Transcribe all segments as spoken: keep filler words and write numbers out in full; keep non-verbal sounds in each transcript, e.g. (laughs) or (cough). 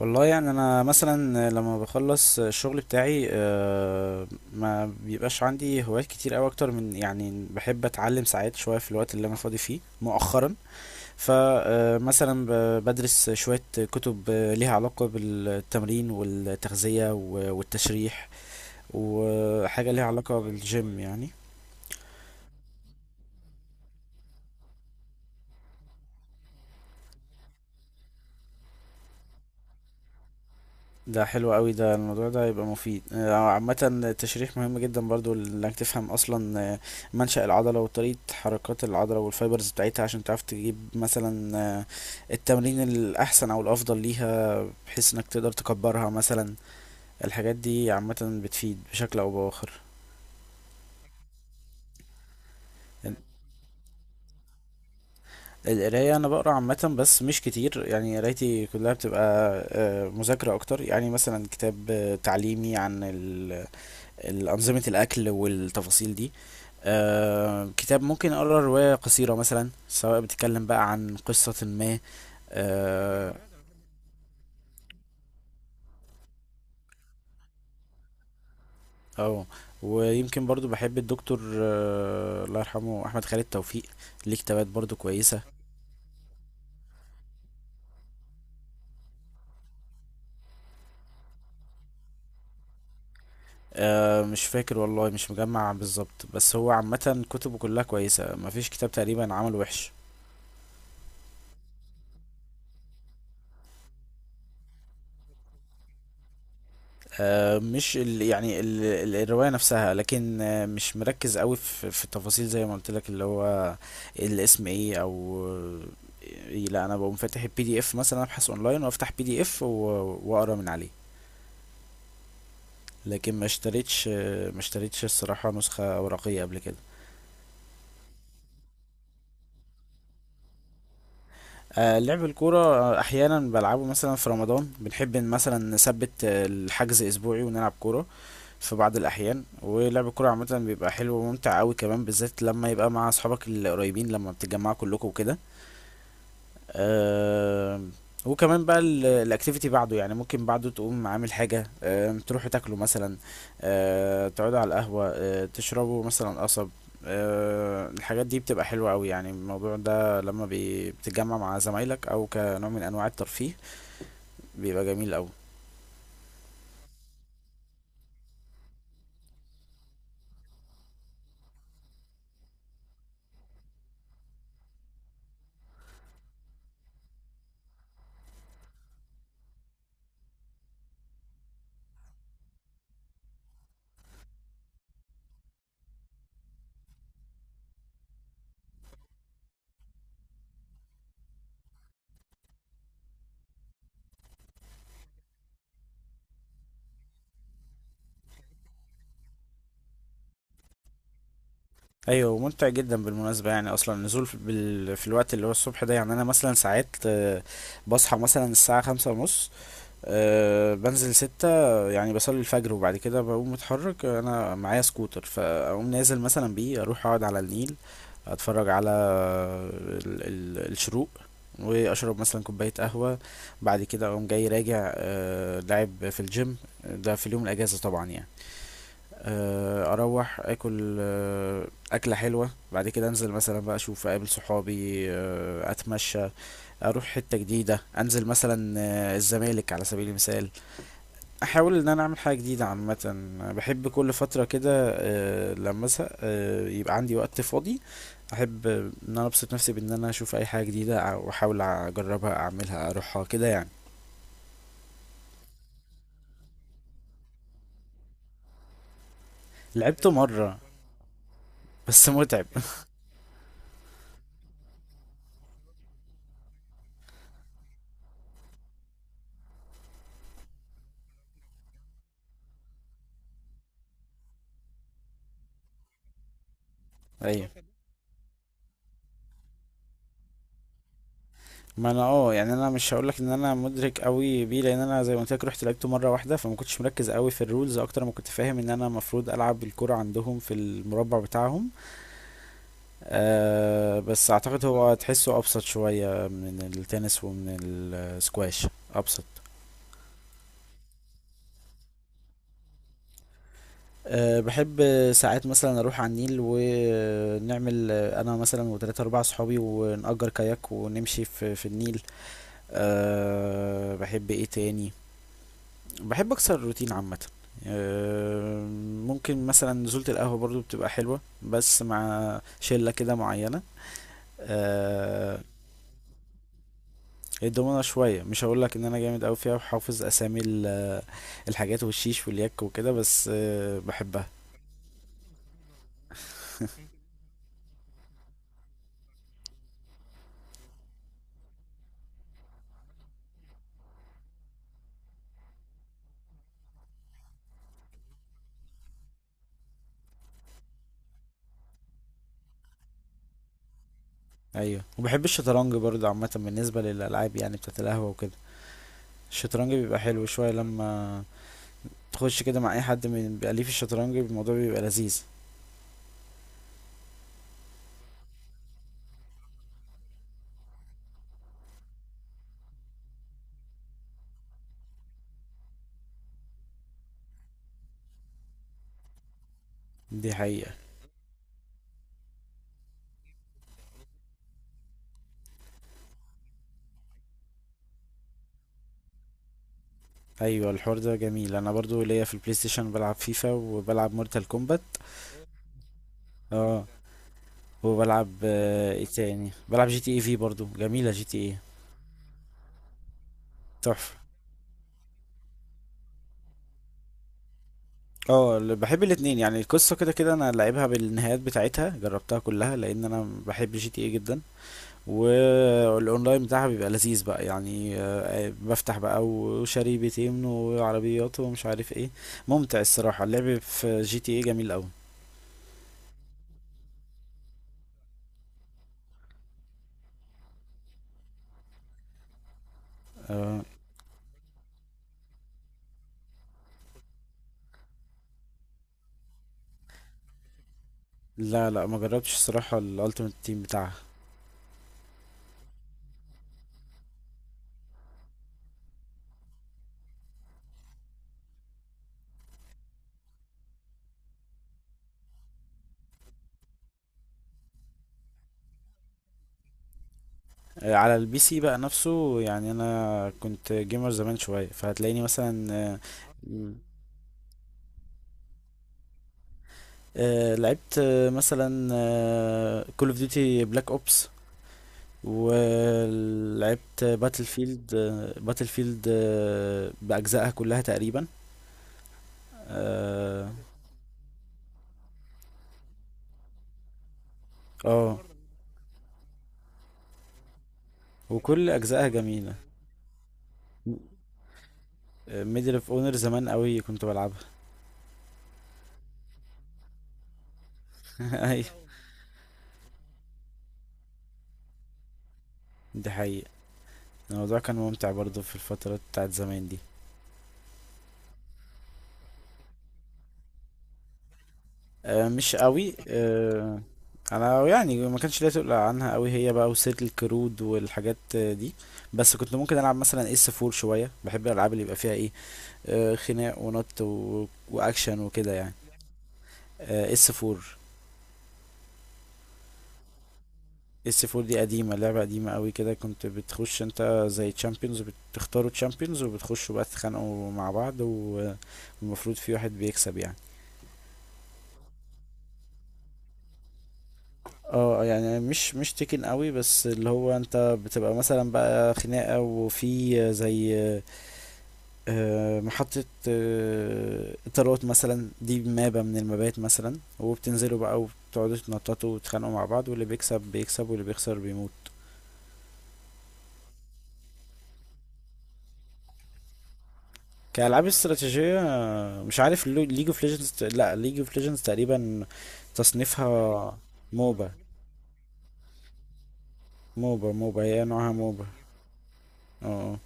والله يعني انا مثلا لما بخلص الشغل بتاعي، آه، ما بيبقاش عندي هوايات كتير قوي اكتر من، يعني بحب اتعلم ساعات شويه في الوقت اللي انا فاضي فيه مؤخرا. فمثلا بدرس شويه كتب آه، ليها علاقه بالتمرين والتغذيه و- والتشريح، وحاجه ليها علاقه بالجيم يعني. ده حلو قوي، ده الموضوع ده هيبقى مفيد آه، عامة التشريح مهم جدا برضو انك تفهم اصلا آه، منشأ العضلة وطريقة حركات العضلة والفايبرز بتاعتها، عشان تعرف تجيب مثلا آه، التمرين الاحسن او الافضل ليها، بحيث انك تقدر تكبرها مثلا. الحاجات دي عامة بتفيد بشكل او باخر. القراية أنا بقرا عامة بس مش كتير، يعني قرايتي كلها بتبقى آه، مذاكرة أكتر، يعني مثلا كتاب آه، تعليمي عن ال- آه، الأنظمة الأكل والتفاصيل دي. آه، كتاب ممكن اقرا روايه قصيره مثلا، سواء بتتكلم بقى عن قصه ما. آه او ويمكن برضو بحب الدكتور آه الله يرحمه احمد خالد توفيق، ليه كتابات برضو كويسه. آه مش فاكر والله، مش مجمع بالظبط، بس هو عامه كتبه كلها كويسه، مفيش كتاب تقريبا عمل وحش. آه، مش ال يعني ال ال- الرواية نفسها، لكن آه، مش مركز قوي في في التفاصيل زي ما قلت لك، اللي هو الاسم ايه، او إيه. لا انا بقوم فاتح البي دي اف مثلا، ابحث اونلاين وافتح بي دي اف و- واقرا من عليه. لكن ما اشتريتش آه، ما اشتريتش الصراحة نسخة ورقية قبل كده. آه، لعب الكورة آه، احيانا بلعبه، مثلا في رمضان بنحب إن مثلا نثبت آه، الحجز اسبوعي ونلعب كورة في بعض الأحيان. ولعب الكورة عامة بيبقى حلو وممتع أوي كمان، بالذات لما يبقى مع أصحابك القريبين لما بتتجمعوا كلكم وكده. آه وكمان بقى ال- الأكتيفيتي بعده، يعني ممكن بعده تقوم عامل حاجة، آه تروحوا تاكلوا مثلا، آه تقعدوا على القهوة، آه تشربوا مثلا قصب. آه الحاجات دي بتبقى حلوة أوي، يعني الموضوع ده لما بي- بتتجمع مع زمايلك، أو كنوع من أنواع الترفيه بيبقى جميل أوي. ايوه ممتع جدا بالمناسبه، يعني اصلا النزول في, بال... في الوقت اللي هو الصبح ده، يعني انا مثلا ساعات آه، بصحى مثلا الساعه خمسة ونص، آه، بنزل ستة، يعني بصلي الفجر وبعد كده بقوم متحرك. انا معايا سكوتر فاقوم نازل مثلا بيه، اروح اقعد على النيل اتفرج على ال... ال... الشروق، واشرب مثلا كوبايه قهوه. بعد كده اقوم جاي راجع آه، لاعب في الجيم، ده في اليوم الاجازه طبعا يعني. آه، اروح اكل آه، اكله حلوه، بعد كده انزل مثلا بقى اشوف اقابل صحابي، آه، اتمشى، اروح حته جديده، انزل مثلا آه، الزمالك على سبيل المثال. احاول ان انا اعمل حاجه جديده عامه، بحب كل فتره كده آه، لما ازهق آه، يبقى عندي وقت فاضي، احب ان انا ابسط نفسي بان انا اشوف اي حاجه جديده واحاول اجربها، اعملها، اروحها كده يعني. لعبته مره بس متعب. (laughs) ايوه، ما انا اه يعني انا مش هقولك ان انا مدرك قوي بيه، لان انا زي ما قلت لك رحت لعبته مره واحده، فما كنتش مركز قوي في الرولز اكتر ما كنت فاهم ان انا المفروض العب الكرة عندهم في المربع بتاعهم. آه بس اعتقد هو تحسه ابسط شويه من التنس ومن السكواش، ابسط. أه بحب ساعات مثلا اروح على النيل، ونعمل انا مثلا وثلاثة اربعة صحابي ونأجر كاياك ونمشي في, في النيل. أه بحب ايه تاني، بحب اكسر الروتين عامه. آه، ممكن مثلا نزولة القهوة برضو بتبقى حلوة، بس مع شلة كده معينة. آه، الدومنة شوية، مش هقولك ان انا جامد اوي فيها وحافظ اسامي ال- الحاجات والشيش واليك وكده، بس آه، بحبها. ايوه، وبحب الشطرنج برضو عامة بالنسبة للألعاب يعني بتاعت القهوة وكده. الشطرنج بيبقى حلو شوية لما تخش كده مع اي حد من بيبقى ليه في الشطرنج، الموضوع بيبقى لذيذ. دي حقيقة. ايوه الحوار ده جميل، انا برضو ليا في البلاي ستيشن، بلعب فيفا وبلعب مورتال كومبات. اه وبلعب آه، ايه تاني، بلعب جي تي اي في برضو جميله جي تي اي، تحفه. اه، ال- بحب الاتنين، يعني القصه كده كده انا لعبها بالنهايات بتاعتها، جربتها كلها لان انا بحب جي تي اي جدا. والاونلاين بتاعها بيبقى لذيذ بقى يعني، آه، آه، بفتح بقى وشاري بيتين وعربيات ومش عارف ايه. ممتع الصراحه، اللعب في جي تي اي جميل قوي. آه لا لا، ما جربتش الصراحه الالتيميت تيم بتاعها. آه، على البي سي بقى نفسه، يعني انا كنت جيمر زمان شويه، فهتلاقيني مثلا آه، مم، آه، لعبت آه، مثلا كول اوف ديوتي بلاك اوبس، ولعبت باتل فيلد. باتل فيلد باجزائها كلها تقريبا. اه آه، وكل اجزائها جميله. ميدل اوف اونر زمان قوي كنت بلعبها. (laughs) ايوه، دي حقيقة، الموضوع كان ممتع برضو في الفترة بتاعت زمان دي. آه، مش قوي، آه، انا يعني ما كانش ليا تقول عنها قوي هي بقى، وسيرة الكرود والحاجات آه، دي. بس كنت ممكن العب مثلا اس اربعة شويه، بحب الالعاب اللي يبقى فيها ايه، آه، خناق ونط و- واكشن وكده يعني. آه اس اربعة. اس 4 دي قديمه، لعبه قديمه قوي كده، كنت بتخش انت زي تشامبيونز، بتختاروا تشامبيونز وبتخشوا بقى تتخانقوا مع بعض، و- والمفروض في واحد بيكسب يعني. اه يعني مش مش تكن قوي، بس اللي هو انت بتبقى مثلا بقى خناقة، وفي زي آه، محطة آه، طيارات مثلا، دي مابة من المبات مثلا، وبتنزلوا بقى وبتقعدوا تنططوا وتتخانقوا مع بعض، واللي بيكسب بيكسب واللي بيخسر بيموت. كألعاب استراتيجية آه، مش عارف، ليج اوف ليجندز، لا ليج اوف ليجندز تقريبا تصنيفها موبا. موبا موبا هي نوعها موبا. اه.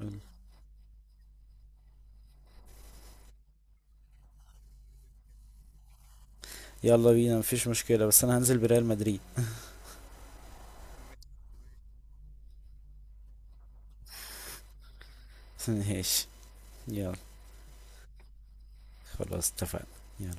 آه. يلا بينا، مفيش مشكلة، بس انا هنزل بريال مدريد. ايش. يلا. خلاص اتفقنا. يلا.